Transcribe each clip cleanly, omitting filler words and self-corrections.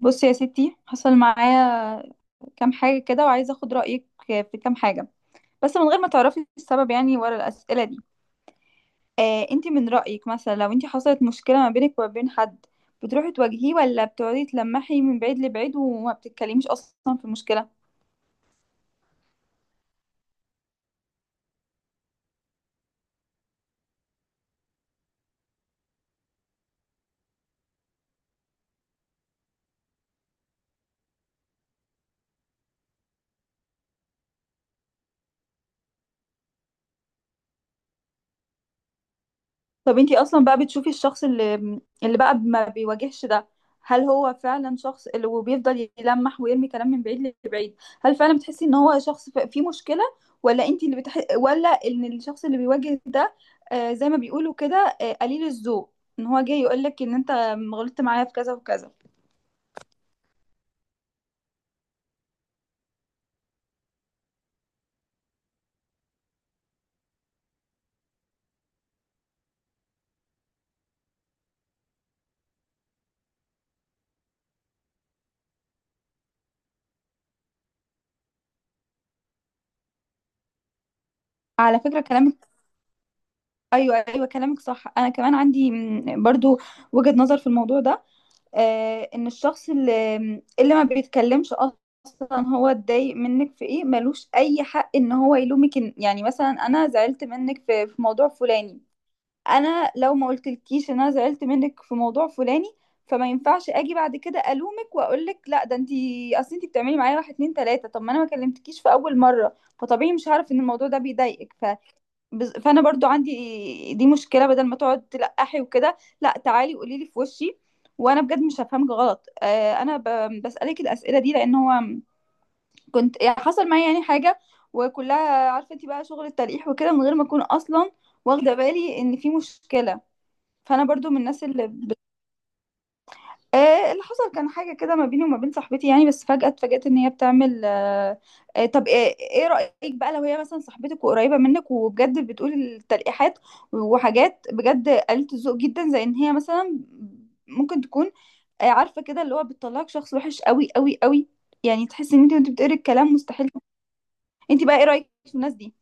بصي يا ستي، حصل معايا كام حاجة كده وعايزة اخد رأيك في كام حاجة، بس من غير ما تعرفي السبب يعني ورا الأسئلة دي. انتي من رأيك، مثلا لو انتي حصلت مشكلة ما بينك وما بين حد، بتروحي تواجهيه ولا بتقعدي تلمحي من بعيد لبعيد وما بتتكلميش أصلا في المشكلة؟ طب انتي اصلا بقى بتشوفي الشخص اللي بقى ما بيواجهش ده، هل هو فعلا شخص اللي وبيفضل يلمح ويرمي كلام من بعيد لبعيد، هل فعلا بتحسي ان هو شخص فيه مشكلة؟ ولا ان الشخص اللي بيواجه ده، زي ما بيقولوا كده، قليل الذوق، ان هو جاي يقولك ان انت غلطت معايا في كذا وكذا. على فكرة كلامك، ايوه، ايوه، كلامك صح، انا كمان عندي برضو وجهة نظر في الموضوع ده، ان الشخص اللي ما بيتكلمش اصلا، هو اتضايق منك في ايه؟ ملوش اي حق ان هو يلومك. يعني مثلا انا زعلت منك في موضوع فلاني، انا لو ما قلتلكيش ان انا زعلت منك في موضوع فلاني فما ينفعش اجي بعد كده الومك واقول لك لا، ده انتي، اصل انتي بتعملي معايا واحد اتنين تلاته. طب ما انا ما كلمتكيش في اول مره، فطبيعي مش هعرف ان الموضوع ده بيضايقك. فانا برضو عندي دي مشكله، بدل ما تقعد تلقحي وكده، لا، تعالي قولي لي في وشي وانا بجد مش هفهمك غلط. انا بسالك الاسئله دي لان هو كنت يعني حصل معايا يعني حاجه، وكلها عارفه انت بقى شغل التلقيح وكده من غير ما اكون اصلا واخده بالي ان في مشكله. فانا برضو من الناس اللي آه اللي حصل كان حاجة كده ما بيني وما بين صاحبتي يعني، بس فجأة اتفاجأت ان هي بتعمل. طب، ايه رأيك بقى لو هي مثلا صاحبتك وقريبة منك وبجد بتقول التلقيحات وحاجات بجد قلة الذوق جدا، زي ان هي مثلا ممكن تكون، عارفة كده، اللي هو بتطلعك شخص وحش قوي قوي قوي، يعني تحس ان انت وانت بتقري الكلام مستحيل. انت بقى ايه رأيك في الناس دي؟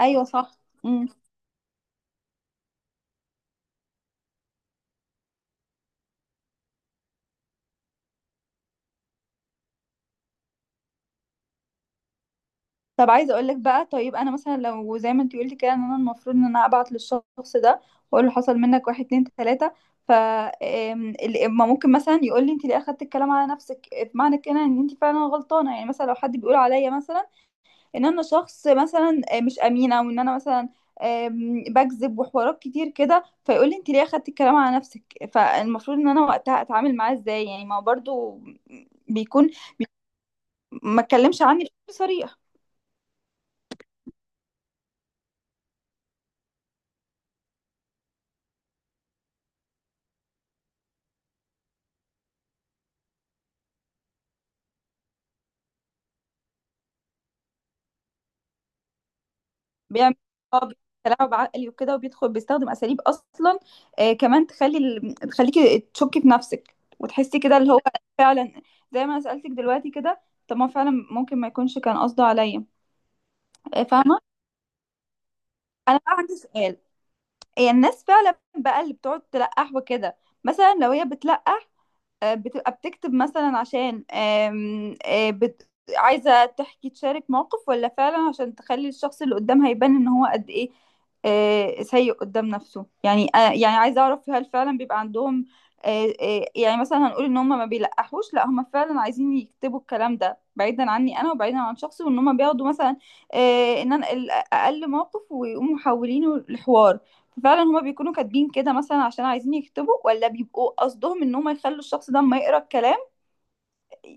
ايوه، صح. طب عايزه اقول لك بقى، طيب انا مثلا لو زي ما انت قلتي كده، ان انا المفروض ان انا ابعت للشخص ده واقول له حصل منك واحد اتنين تلاته، ما ممكن مثلا يقول لي انت ليه اخدت الكلام على نفسك؟ بمعنى كده ان انت فعلا غلطانه، يعني مثلا لو حد بيقول عليا مثلا ان انا شخص مثلا مش امينه، وان انا مثلا بكذب وحوارات كتير كده، فيقول لي انت ليه اخدت الكلام على نفسك؟ فالمفروض ان انا وقتها اتعامل معاه ازاي؟ يعني ما هو برضو بيكون ما اتكلمش عني بشكل صريح، بيعمل اه تلاعب عقلي وكده، وبيدخل بيستخدم اساليب اصلا كمان تخليكي تشكي في نفسك وتحسي كده اللي هو فعلا، زي ما انا سالتك دلوقتي كده، طب ما فعلا ممكن ما يكونش كان قصده عليا. آه، فاهمه. انا بقى عندي سؤال، هي الناس فعلا بقى اللي بتقعد تلقح وكده، مثلا لو هي بتلقح، بتبقى بتكتب مثلا عشان عايزة تحكي، تشارك موقف، ولا فعلا عشان تخلي الشخص اللي قدامها يبان ان هو قد ايه سيء قدام نفسه؟ يعني يعني عايزة اعرف هل فعلا بيبقى عندهم يعني مثلا هنقول ان هم ما بيلقحوش، لا هم فعلا عايزين يكتبوا الكلام ده بعيدا عني انا، وبعيدا عن شخصي، وان هم بياخدوا مثلا ان انا اقل موقف ويقوموا محولينه لحوار. فعلا هما بيكونوا كاتبين كده مثلا عشان عايزين يكتبوا، ولا بيبقوا قصدهم ان هما يخلوا الشخص ده اما يقرا الكلام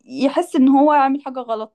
يحس ان هو عامل حاجة غلط؟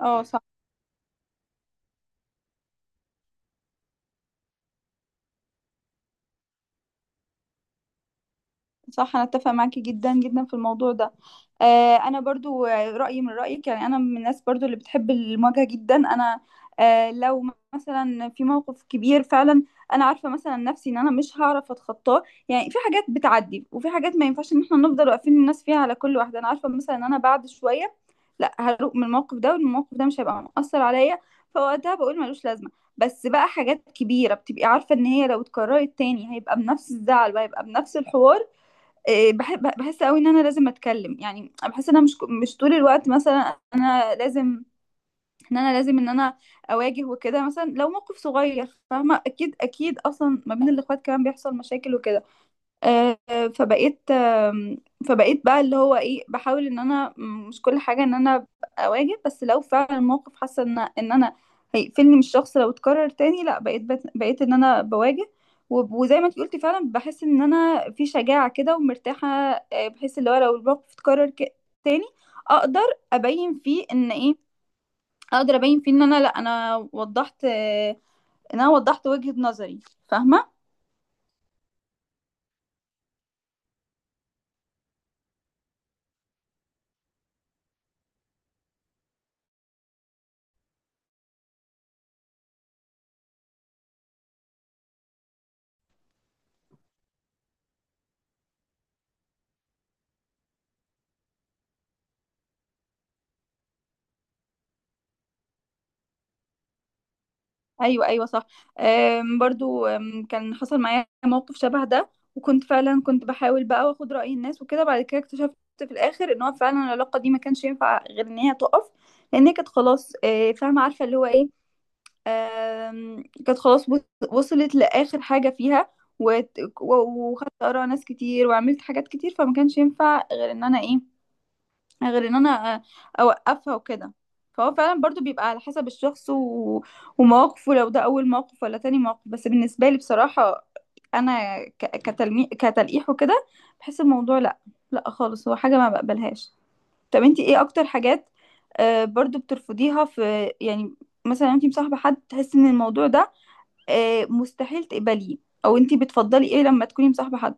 اه، مم. صح، صح، انا اتفق معاكي جدا جدا في الموضوع ده. انا برضو رايي من رايك، يعني انا من الناس برضو اللي بتحب المواجهه جدا. انا لو مثلا في موقف كبير فعلا، انا عارفه مثلا نفسي ان انا مش هعرف اتخطاه، يعني في حاجات بتعدي وفي حاجات ما ينفعش ان احنا نفضل واقفين الناس فيها، على كل واحده انا عارفه مثلا ان انا بعد شويه لا، هروق من الموقف ده والموقف ده مش هيبقى مؤثر عليا، فوقتها بقول ملوش لازمه. بس بقى حاجات كبيره بتبقي عارفه ان هي لو اتكررت تاني هيبقى بنفس الزعل وهيبقى بنفس الحوار، إيه، بحب بحس قوي ان انا لازم اتكلم، يعني بحس ان انا مش طول الوقت مثلا، انا لازم، ان انا اواجه وكده. مثلا لو موقف صغير فاهمه، اكيد اكيد، اصلا ما بين الاخوات كمان بيحصل مشاكل وكده، آه، فبقيت آم، فبقيت بقى اللي هو ايه، بحاول ان انا مش كل حاجه ان انا أبقى اواجه، بس لو فعلا الموقف حاسه ان انا هيقفلني من الشخص لو اتكرر تاني، لا، بقيت ان انا بواجه. وزي ما انت قلتي، فعلا بحس ان انا في شجاعه كده ومرتاحه، بحس اللي هو لو الموقف اتكرر تاني، اقدر ابين فيه ان ايه، اقدر ابين فيه ان انا، لا، انا وضحت، ان انا وضحت وجهه نظري. فاهمه؟ ايوه، ايوه، صح. برضو كان حصل معايا موقف شبه ده، وكنت فعلا، كنت بحاول بقى واخد رأي الناس وكده، بعد كده اكتشفت في الاخر ان هو فعلا العلاقة دي ما كانش ينفع غير ان هي تقف، لان هي كانت خلاص، فاهمة عارفة اللي هو ايه، كانت خلاص وصلت لآخر حاجة فيها، وت- و- وخدت آراء ناس كتير وعملت حاجات كتير، فما كانش ينفع غير ان انا ايه، غير ان انا اوقفها وكده. فهو فعلا برضو بيبقى على حسب الشخص ومواقفه، لو ده اول موقف ولا تاني موقف. بس بالنسبة لي بصراحة، انا كتلقيح وكده، بحس الموضوع لا، لا خالص، هو حاجة ما بقبلهاش. طب انتي ايه اكتر حاجات برضو بترفضيها في يعني، مثلا انتي مصاحبة حد، تحسي ان الموضوع ده مستحيل تقبليه؟ او انتي بتفضلي ايه لما تكوني مصاحبة حد؟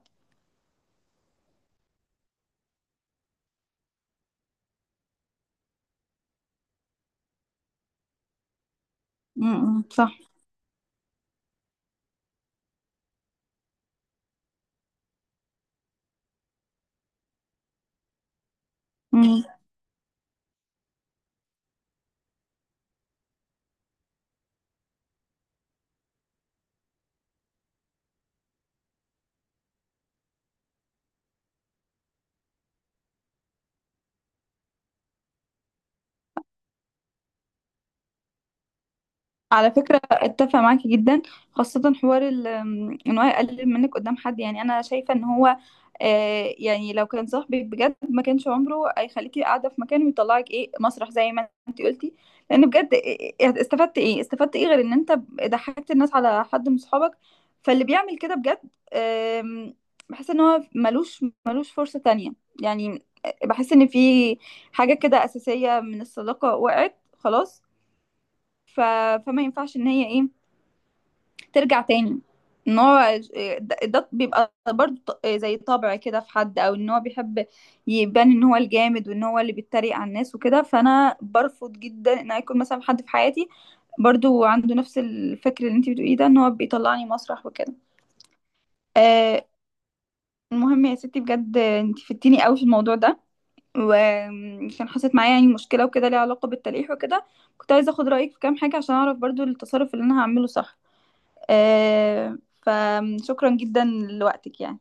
م- م، صح، على فكرة اتفق معاكي جدا، خاصة حوار ال- ام، ان هو يقلل منك قدام حد، يعني انا شايفة ان هو يعني لو كان صاحبك بجد، ما كانش عمره هيخليكي قاعدة في مكان ويطلعك ايه مسرح زي ما انت قلتي، لان بجد استفدت ايه، استفدت ايه غير ان انت ضحكت الناس على حد من صحابك؟ فاللي بيعمل كده بجد، آم، بحس ان هو ملوش فرصة تانية، يعني بحس ان في حاجة كده اساسية من الصداقة وقعت خلاص، ف... فما ينفعش ان هي ايه، ترجع تاني. ان هو ده بيبقى برضه زي طبع كده في حد، او ان هو بيحب يبان ان هو الجامد وان هو اللي بيتريق على الناس وكده، فانا برفض جدا ان يكون مثلا حد في حياتي برضو عنده نفس الفكر اللي انت بتقوليه ده، ان هو بيطلعني مسرح وكده. آه المهم يا ستي، بجد انت فدتيني قوي في الموضوع ده، وكان حصلت معايا يعني مشكلة وكده ليها علاقة بالتلقيح وكده، كنت عايزة اخد رأيك في كام حاجة عشان اعرف برضو التصرف اللي انا هعمله صح. فشكرا جدا لوقتك يعني.